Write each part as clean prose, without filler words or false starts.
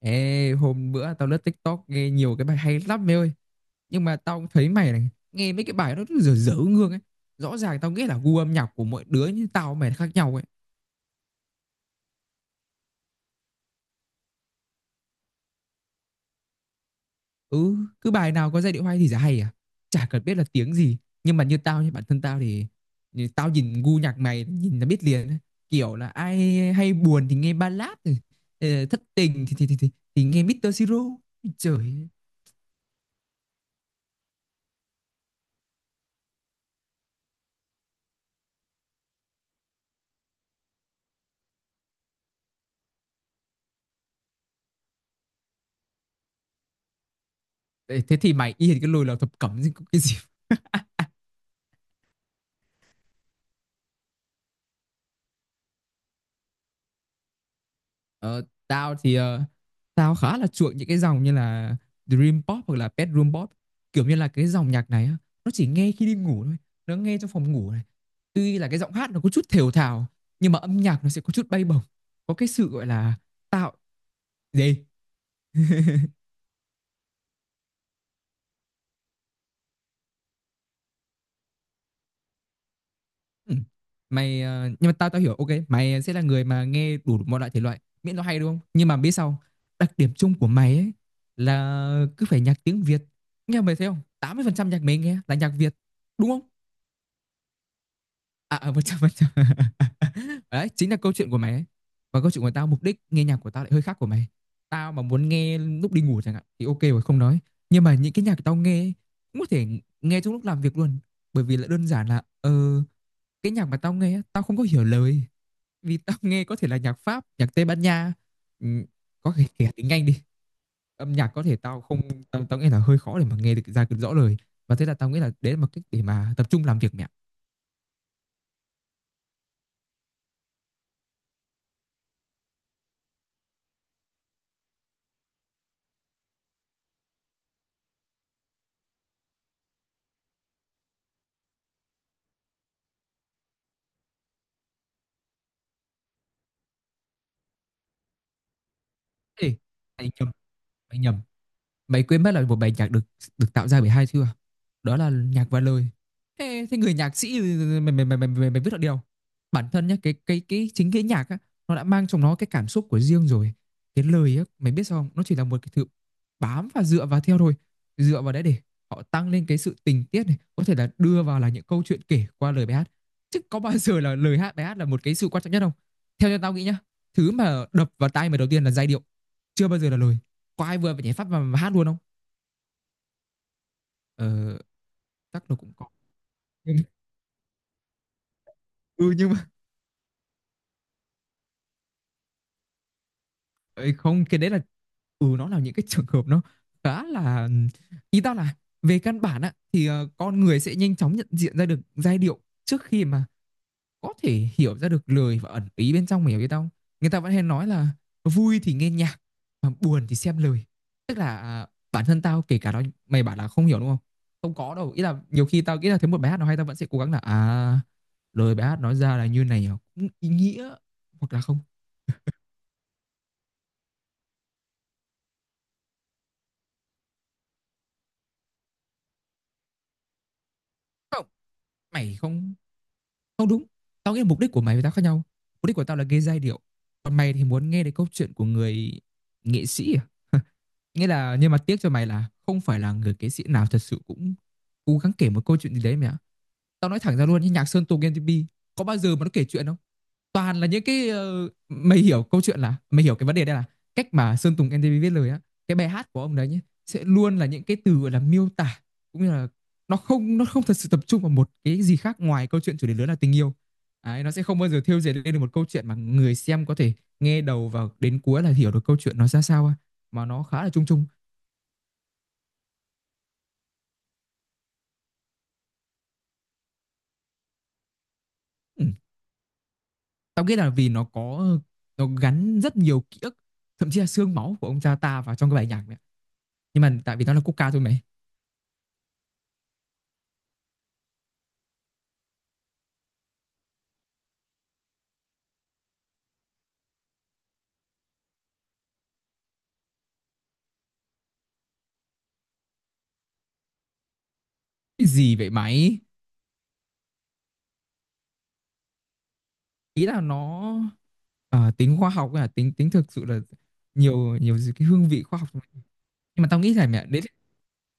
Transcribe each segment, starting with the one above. Ê, hôm bữa tao lướt TikTok nghe nhiều cái bài hay lắm mày ơi. Nhưng mà tao cũng thấy mày này, nghe mấy cái bài nó cứ dở dở ngương ấy. Rõ ràng tao nghĩ là gu âm nhạc của mỗi đứa như tao mày là khác nhau ấy. Ừ, cứ bài nào có giai điệu hay thì chả hay à. Chả cần biết là tiếng gì. Nhưng mà như tao, như bản thân tao thì tao nhìn gu nhạc mày, nhìn là biết liền ấy. Kiểu là ai hay buồn thì nghe ballad, thất tình thì nghe Mr. Siro. Trời ơi. Thế thế thì mày yên cái lùi là thập cẩm gì, cái gì. Ờ, tao khá là chuộng những cái dòng như là Dream Pop hoặc là Bedroom Pop, kiểu như là cái dòng nhạc này á, nó chỉ nghe khi đi ngủ thôi, nó nghe trong phòng ngủ này. Tuy là cái giọng hát nó có chút thều thào nhưng mà âm nhạc nó sẽ có chút bay bổng, có cái sự gọi là tạo gì. Ừ. Nhưng mà tao tao hiểu, ok mày sẽ là người mà nghe đủ mọi loại thể loại miễn nó hay, đúng không? Nhưng mà biết sao, đặc điểm chung của mày ấy là cứ phải nhạc tiếng Việt. Nghe mày thấy không, 80% nhạc mày nghe là nhạc Việt, đúng không? À, 100%. Đấy, chính là câu chuyện của mày ấy. Còn câu chuyện của tao, mục đích nghe nhạc của tao lại hơi khác của mày. Tao mà muốn nghe lúc đi ngủ chẳng hạn thì ok rồi không nói. Nhưng mà những cái nhạc tao nghe ấy, cũng có thể nghe trong lúc làm việc luôn. Bởi vì là đơn giản là cái nhạc mà tao nghe á, tao không có hiểu lời, vì tao nghe có thể là nhạc Pháp, nhạc Tây Ban Nha, ừ, có thể kể tiếng Anh đi. Âm nhạc có thể tao không, tao nghe là hơi khó để mà nghe được ra được rõ lời. Và thế là tao nghĩ là đấy là một cách để mà tập trung làm việc mẹ. Ê, mày nhầm, mày nhầm. Mày quên mất là một bài nhạc được được tạo ra bởi hai thứ à? Đó là nhạc và lời. Thế người nhạc sĩ mày biết được điều. Bản thân nhá, cái chính cái nhạc á nó đã mang trong nó cái cảm xúc của riêng rồi. Cái lời á mày biết sao không? Nó chỉ là một cái thứ bám và dựa vào theo thôi. Dựa vào đấy để họ tăng lên cái sự tình tiết này, có thể là đưa vào là những câu chuyện kể qua lời bài hát. Chứ có bao giờ là lời hát bài hát là một cái sự quan trọng nhất không? Theo như tao nghĩ nhá, thứ mà đập vào tai mày đầu tiên là giai điệu, chưa bao giờ là lời. Có ai vừa về nhảy phát mà hát luôn không? Ờ, chắc là cũng có nhưng ừ nhưng mà ấy không, cái đấy là nó là những cái trường hợp nó khá là, ý tao là về căn bản á thì con người sẽ nhanh chóng nhận diện ra được giai điệu trước khi mà có thể hiểu ra được lời và ẩn ý bên trong, mày hiểu biết không? Người ta vẫn hay nói là vui thì nghe nhạc mà buồn thì xem lời, tức là à, bản thân tao kể cả đó mày bảo là không hiểu đúng không, không có đâu, ý là nhiều khi tao nghĩ là thấy một bài hát nó hay tao vẫn sẽ cố gắng là, à lời bài hát nói ra là như này à, cũng ý nghĩa hoặc là không. Không, mày không, không đúng. Tao nghĩ là mục đích của mày với tao khác nhau. Mục đích của tao là gây giai điệu, còn mày thì muốn nghe đến câu chuyện của người nghệ sĩ à? Nghĩa là, nhưng mà tiếc cho mày là không phải là người nghệ sĩ nào thật sự cũng cố gắng kể một câu chuyện gì đấy mày ạ. Tao nói thẳng ra luôn, như nhạc Sơn Tùng MTP có bao giờ mà nó kể chuyện không? Toàn là những cái mày hiểu câu chuyện là mày hiểu cái vấn đề đây là cách mà Sơn Tùng MTP viết lời á. Cái bài hát của ông đấy nhé sẽ luôn là những cái từ gọi là miêu tả, cũng như là nó không thật sự tập trung vào một cái gì khác ngoài câu chuyện chủ đề lớn là tình yêu. Đấy, nó sẽ không bao giờ thêu dệt lên được một câu chuyện mà người xem có thể nghe đầu vào đến cuối là hiểu được câu chuyện nó ra sao, mà nó khá là chung chung. Ừ. Tao nghĩ là vì nó gắn rất nhiều ký ức, thậm chí là xương máu của ông cha ta vào trong cái bài nhạc này. Nhưng mà tại vì nó là quốc ca thôi mày. Cái gì vậy mày? Ý là nó tính khoa học, là tính tính thực sự là nhiều nhiều cái hương vị khoa học, nhưng mà tao nghĩ là mẹ đấy,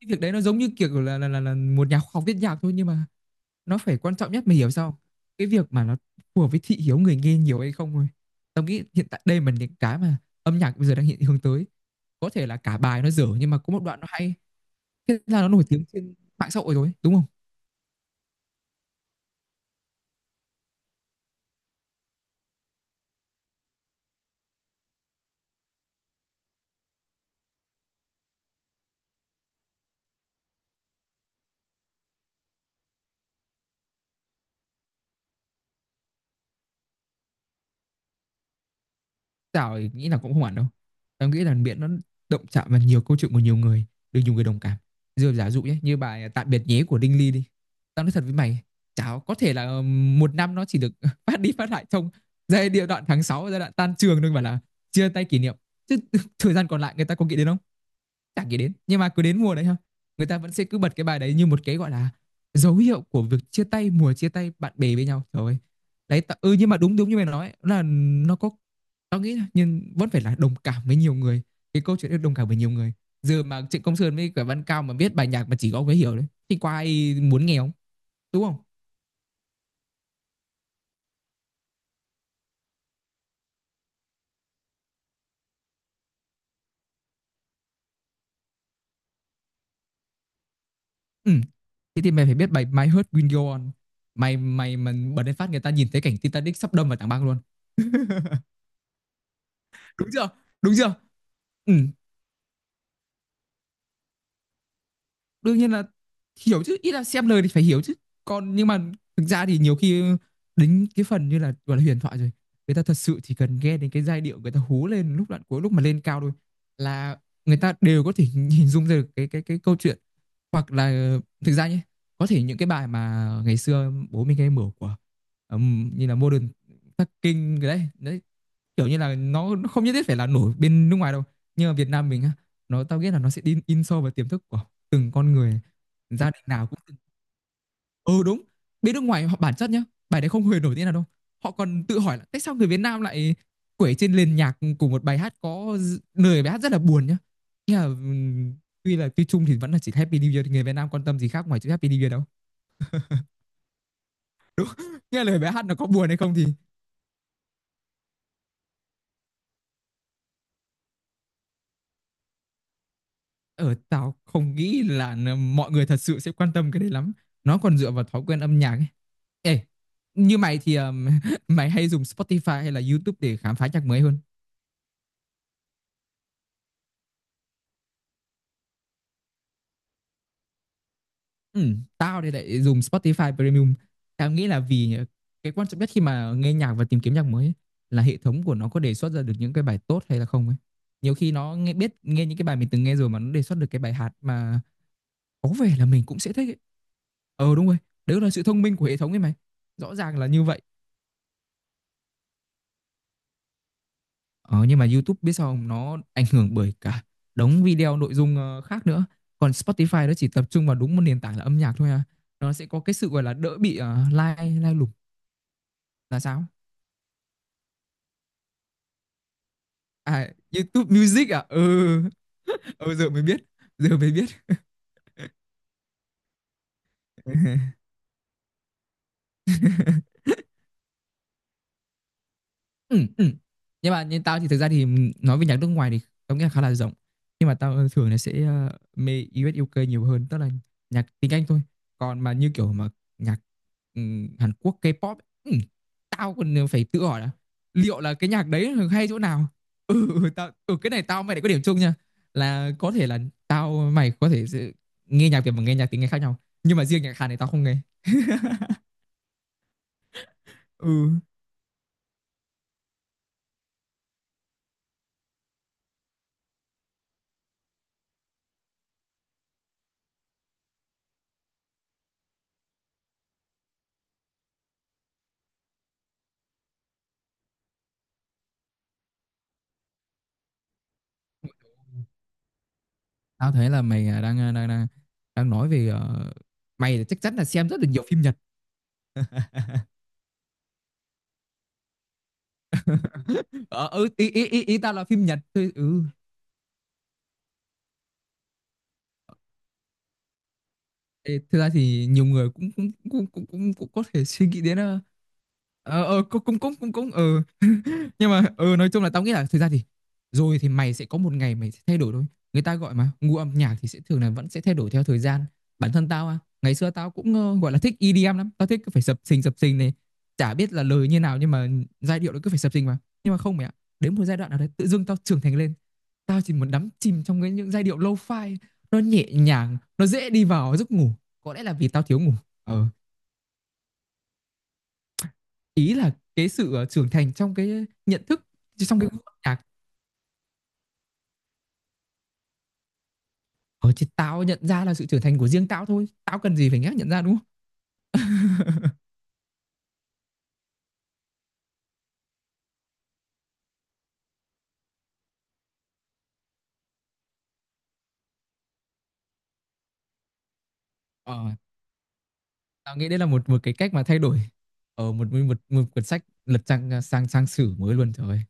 cái việc đấy nó giống như kiểu là một nhà khoa học viết nhạc thôi, nhưng mà nó phải quan trọng nhất, mày hiểu sao không? Cái việc mà nó phù hợp với thị hiếu người nghe nhiều hay không thôi. Tao nghĩ hiện tại đây mà những cái mà âm nhạc bây giờ đang hiện hướng tới, có thể là cả bài nó dở nhưng mà có một đoạn nó hay, thế là nó nổi tiếng trên mạng xã hội rồi, đúng không? Tao nghĩ là cũng không hẳn đâu. Tao nghĩ là miễn nó động chạm vào nhiều câu chuyện của nhiều người, được nhiều người đồng cảm. Rồi giả dụ nhé, như bài Tạm biệt nhé của Đinh Ly đi. Tao nói thật với mày, chả có thể là một năm nó chỉ được phát đi phát lại trong giai điệu đoạn tháng 6, giai đoạn tan trường thôi mà là chia tay kỷ niệm. Chứ thời gian còn lại người ta có nghĩ đến không? Chả nghĩ đến, nhưng mà cứ đến mùa đấy ha, người ta vẫn sẽ cứ bật cái bài đấy như một cái gọi là dấu hiệu của việc chia tay mùa, chia tay bạn bè với nhau, trời ơi. Đấy, ừ, nhưng mà đúng đúng như mày nói là nó có, tao nghĩ là nhưng vẫn phải là đồng cảm với nhiều người, cái câu chuyện đấy đồng cảm với nhiều người. Giờ mà Trịnh Công Sơn với cả Văn Cao mà biết bài nhạc mà chỉ có ông ấy hiểu đấy thì có ai muốn nghe không, đúng không? Ừ, thế thì mày phải biết bài My Heart Will Go On. Mày mày mà bật lên phát người ta nhìn thấy cảnh Titanic sắp đâm vào tảng băng luôn. Đúng chưa? Đúng chưa? Ừ, đương nhiên là hiểu chứ, ít là xem lời thì phải hiểu chứ còn, nhưng mà thực ra thì nhiều khi đến cái phần như là gọi là huyền thoại rồi, người ta thật sự chỉ cần nghe đến cái giai điệu, người ta hú lên lúc đoạn cuối lúc mà lên cao thôi là người ta đều có thể hình dung ra được cái câu chuyện. Hoặc là, thực ra nhé, có thể những cái bài mà ngày xưa bố mình hay mở của như là Modern Talking cái đấy đấy, kiểu như là nó không nhất thiết phải là nổi bên nước ngoài đâu, nhưng mà Việt Nam mình á, tao nghĩ là nó sẽ in sâu vào tiềm thức của từng con người. Gia đình nào cũng từng, ừ đúng. Bên nước ngoài họ bản chất nhá, bài đấy không hề nổi tiếng nào đâu. Họ còn tự hỏi là tại sao người Việt Nam lại quẩy trên nền nhạc của một bài hát có lời bài hát rất là buồn nhá, nghe là tuy là tuy chung thì vẫn là chỉ Happy New Year, thì người Việt Nam quan tâm gì khác ngoài chữ Happy New Year đâu, nghe lời bài hát nó có buồn hay không thì, ở tao không nghĩ là mọi người thật sự sẽ quan tâm cái đấy lắm. Nó còn dựa vào thói quen âm nhạc ấy. Ê, như mày thì mày hay dùng Spotify hay là YouTube để khám phá nhạc mới hơn? Ừ, tao thì lại dùng Spotify Premium. Tao nghĩ là vì cái quan trọng nhất khi mà nghe nhạc và tìm kiếm nhạc mới ấy, là hệ thống của nó có đề xuất ra được những cái bài tốt hay là không ấy. Nhiều khi nó nghe biết nghe những cái bài mình từng nghe rồi mà nó đề xuất được cái bài hát mà có vẻ là mình cũng sẽ thích ấy. Ờ đúng rồi, đấy là sự thông minh của hệ thống ấy mày. Rõ ràng là như vậy. Ờ nhưng mà YouTube biết sao không? Nó ảnh hưởng bởi cả đống video nội dung khác nữa. Còn Spotify nó chỉ tập trung vào đúng một nền tảng là âm nhạc thôi à. Nó sẽ có cái sự gọi là đỡ bị lai lai lủng là sao? À, YouTube Music à? Ừ. Ừ, giờ mới biết. Giờ mới biết. Ừ, ừ, nhưng mà như tao thì thực ra thì nói về nhạc nước ngoài thì tao nghĩ là khá là rộng, nhưng mà tao thường là sẽ mê US UK nhiều hơn, tức là nhạc tiếng Anh thôi. Còn mà như kiểu mà nhạc Hàn Quốc K-pop ấy, tao còn phải tự hỏi là liệu là cái nhạc đấy hay chỗ nào. Tao, cái này tao mày lại có điểm chung nha, là có thể là tao mày có thể sẽ nghe nhạc Việt và nghe nhạc tiếng Anh khác nhau, nhưng mà riêng nhạc Hàn này tao không nghe. Ừ. Tao thấy là mày đang đang đang đang nói về mày chắc chắn là xem rất là nhiều phim Nhật. Ờ ừ, ý, ý ý ý tao là phim Nhật thôi. Ừ. Ê, thực ra thì nhiều người cũng cũng cũng cũng cũng, cũng có thể suy nghĩ đến ờ ờ ờ, cũng cũng cũng cũng cũng ờ nhưng mà nói chung là tao nghĩ là thực ra thì rồi thì mày sẽ có một ngày mày sẽ thay đổi thôi. Người ta gọi mà gu âm nhạc thì sẽ thường là vẫn sẽ thay đổi theo thời gian. Bản thân tao à, ngày xưa tao cũng gọi là thích EDM lắm, tao thích cứ phải sập sình này, chả biết là lời như nào nhưng mà giai điệu nó cứ phải sập sình mà. Nhưng mà không mày ạ, đến một giai đoạn nào đấy tự dưng tao trưởng thành lên, tao chỉ muốn đắm chìm trong cái những giai điệu lo-fi. Nó nhẹ nhàng, nó dễ đi vào giấc ngủ, có lẽ là vì tao thiếu ngủ. ờ, ý là cái sự trưởng thành trong cái nhận thức, trong cái gu âm nhạc. Ờ chứ tao nhận ra là sự trưởng thành của riêng tao thôi, tao cần gì phải nhắc nhận ra, đúng không? Ờ, tao nghĩ đây là một một cái cách mà thay đổi, một cuốn sách lật trang sang sang sử mới luôn trời ơi.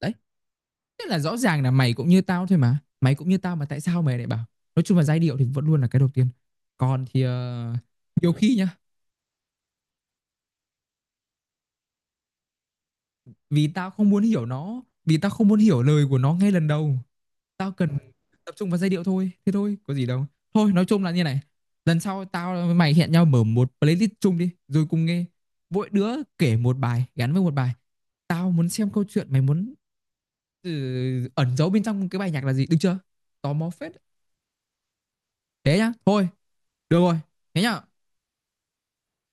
Đấy, thế là rõ ràng là mày cũng như tao thôi mà, mày cũng như tao mà, tại sao mày lại bảo? Nói chung là giai điệu thì vẫn luôn là cái đầu tiên, còn thì nhiều khi nhá, vì tao không muốn hiểu nó, vì tao không muốn hiểu lời của nó ngay lần đầu. Tao cần tập trung vào giai điệu thôi, thế thôi có gì đâu. Thôi nói chung là như này, lần sau tao với mày hẹn nhau mở một playlist chung đi rồi cùng nghe, mỗi đứa kể một bài, gắn với một bài tao muốn xem câu chuyện mày muốn, ừ, ẩn giấu bên trong cái bài nhạc là gì, được chưa? Tò mò phết. Thế nhá, thôi, được rồi, thế nhá.